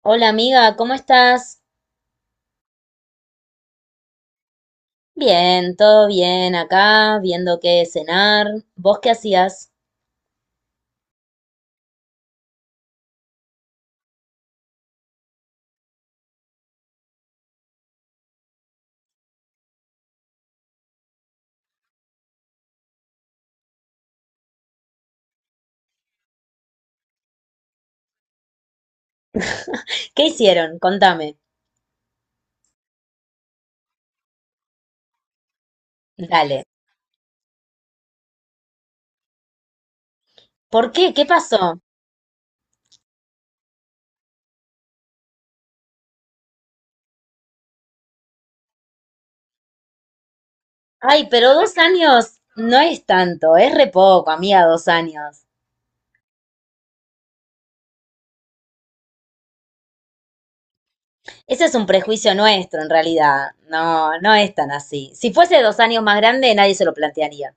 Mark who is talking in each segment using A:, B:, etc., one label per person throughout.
A: Hola amiga, ¿cómo estás? Bien, todo bien acá, viendo qué cenar. ¿Vos qué hacías? ¿Qué hicieron? Contame. Dale. ¿Por qué? ¿Qué pasó? Ay, pero 2 años no es tanto, es re poco, amiga, 2 años. Ese es un prejuicio nuestro en realidad. No, no es tan así. Si fuese 2 años más grande, nadie se lo plantearía.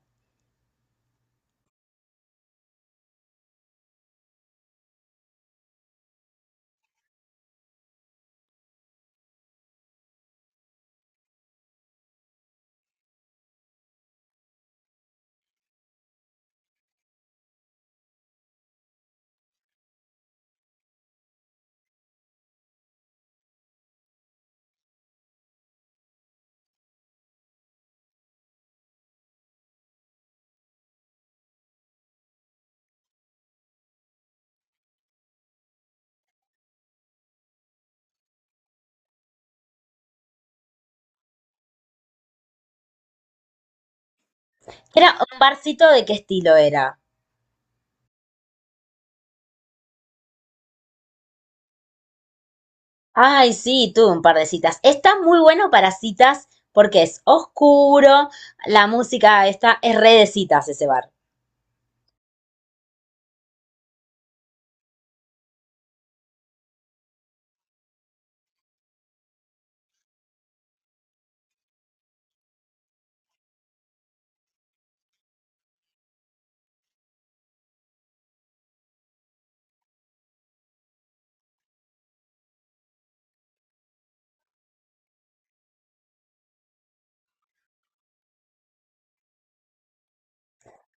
A: ¿Era un barcito de qué estilo era? Ay, sí, tuve un par de citas. Está muy bueno para citas porque es oscuro, la música está, es re de citas ese bar.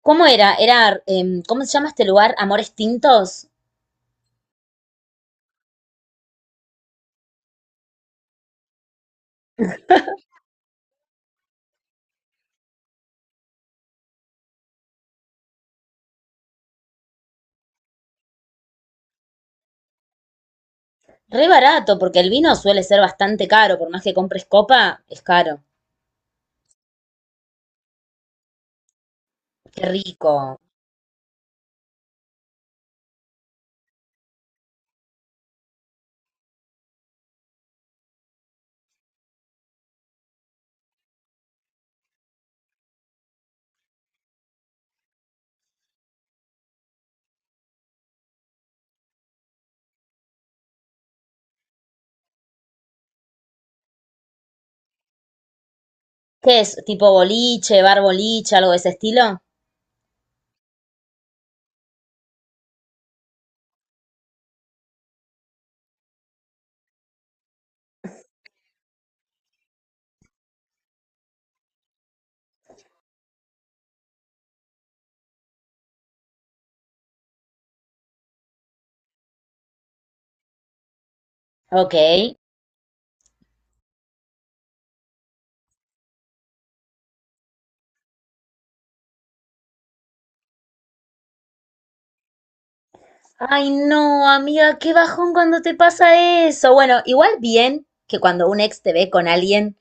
A: ¿Cómo era? Era, ¿cómo se llama este lugar? Amores Tintos. Re barato, porque el vino suele ser bastante caro, por más que compres copa, es caro. Qué rico. ¿Qué es? ¿Tipo boliche, bar boliche, algo de ese estilo? Ok. Ay, no, amiga, qué bajón cuando te pasa eso. Bueno, igual bien que cuando un ex te ve con alguien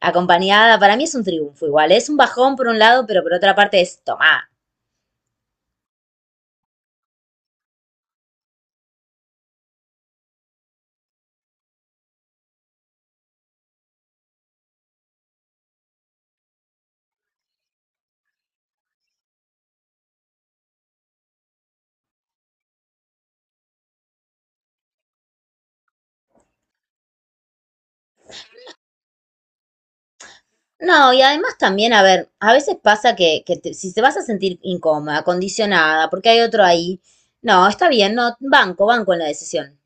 A: acompañada, para mí es un triunfo igual. Es un bajón por un lado, pero por otra parte es tomá. No, y además también, a ver, a veces pasa que si te vas a sentir incómoda, condicionada, porque hay otro ahí, no, está bien, no, banco, banco en la decisión.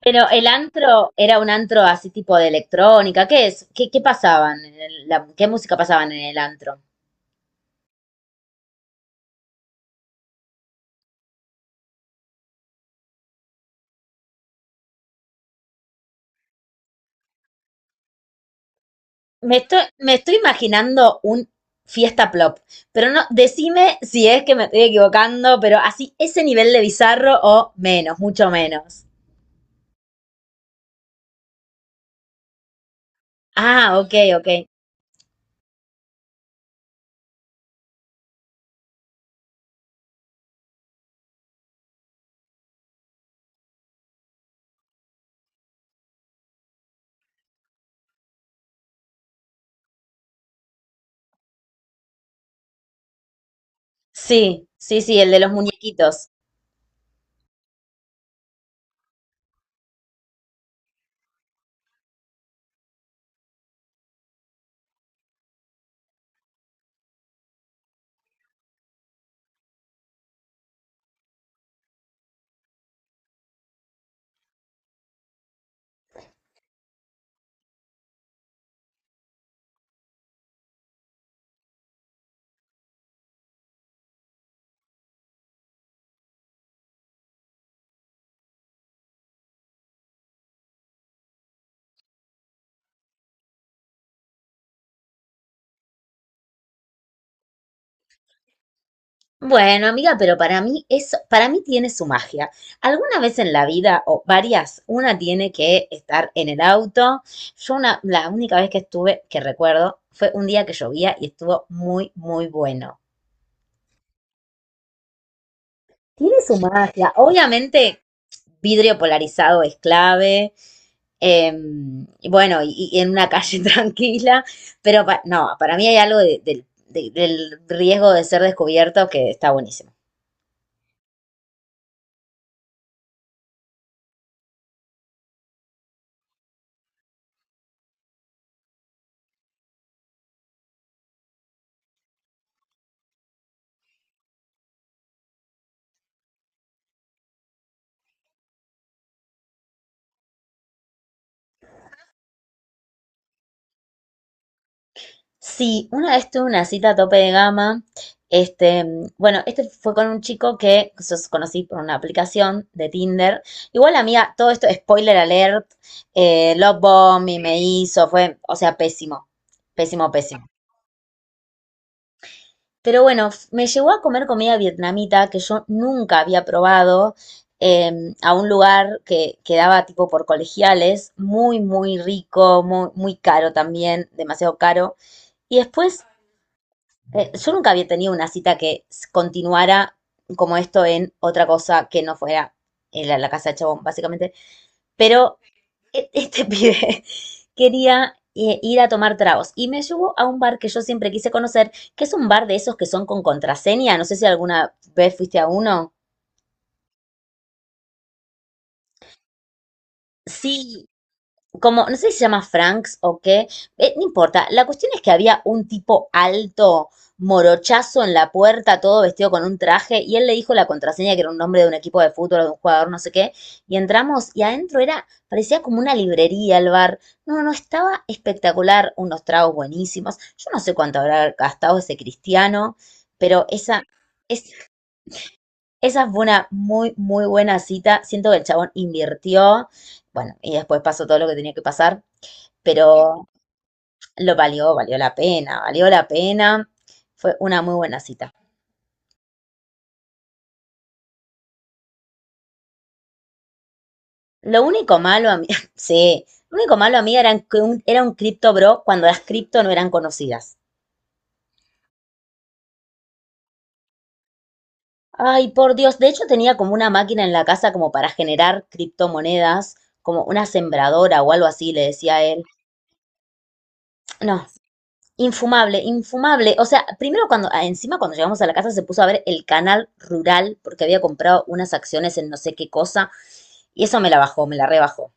A: Pero el antro era un antro así tipo de electrónica, ¿qué es? ¿Qué pasaban ¿qué música pasaban en el antro? Me estoy imaginando un fiesta plop, pero no, decime si es que me estoy equivocando, pero así ese nivel de bizarro o menos, mucho menos. Ah, ok, ok. Sí, sí, sí, el de los muñequitos. Bueno, amiga, pero para mí eso, para mí tiene su magia. Alguna vez en la vida, o varias, una tiene que estar en el auto. La única vez que estuve, que recuerdo, fue un día que llovía y estuvo muy, muy bueno. Tiene su magia. Obviamente, vidrio polarizado es clave. eh, y bueno, y en una calle tranquila, pero no, para mí hay algo del riesgo de ser descubierto que está buenísimo. Sí, una vez tuve una cita a tope de gama. Este, bueno, este fue con un chico que conocí por una aplicación de Tinder. Igual, amiga, todo esto, spoiler alert, love bomb y me hizo, fue, o sea, pésimo, pésimo, pésimo. Pero bueno, me llevó a comer comida vietnamita que yo nunca había probado, eh, a un lugar que quedaba tipo por colegiales, muy, muy rico, muy, muy caro también, demasiado caro. Y después, yo nunca había tenido una cita que continuara como esto en otra cosa que no fuera en la casa de Chabón, básicamente. Pero este pibe quería ir a tomar tragos y me llevó a un bar que yo siempre quise conocer, que es un bar de esos que son con contraseña. No sé si alguna vez fuiste a uno. Sí, como, no sé si se llama Franks o qué, no importa. La cuestión es que había un tipo alto, morochazo en la puerta, todo vestido con un traje, y él le dijo la contraseña, que era un nombre de un equipo de fútbol o de un jugador, no sé qué, y entramos, y adentro era, parecía como una librería el bar. No, no, estaba espectacular, unos tragos buenísimos. Yo no sé cuánto habrá gastado ese cristiano, pero es, esa fue una muy, muy buena cita. Siento que el chabón invirtió. Bueno, y después pasó todo lo que tenía que pasar, pero lo valió, valió la pena, valió la pena. Fue una muy buena cita. Lo único malo a mí, sí, lo único malo a mí era era un cripto bro cuando las cripto no eran conocidas. Ay, por Dios, de hecho tenía como una máquina en la casa como para generar criptomonedas, como una sembradora o algo así, le decía a él. No, infumable, infumable. O sea, primero cuando, ah, encima cuando llegamos a la casa se puso a ver el canal rural porque había comprado unas acciones en no sé qué cosa y eso me la bajó, me la rebajó.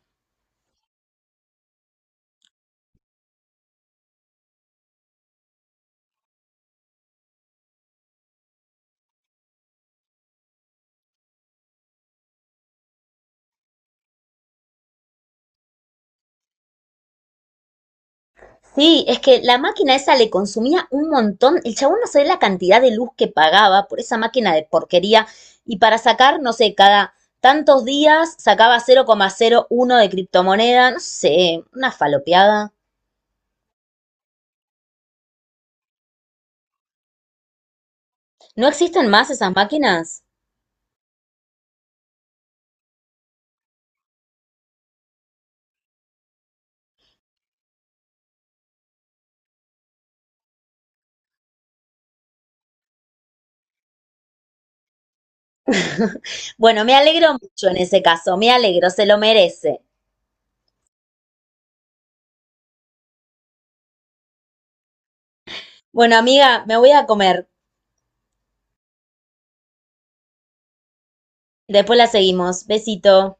A: Sí, es que la máquina esa le consumía un montón. El chabón no sabía la cantidad de luz que pagaba por esa máquina de porquería. Y para sacar, no sé, cada tantos días sacaba 00,01 de criptomoneda. No sé, una falopeada. ¿No existen más esas máquinas? Bueno, me alegro mucho en ese caso. Me alegro, se lo merece. Bueno, amiga, me voy a comer. Después la seguimos. Besito.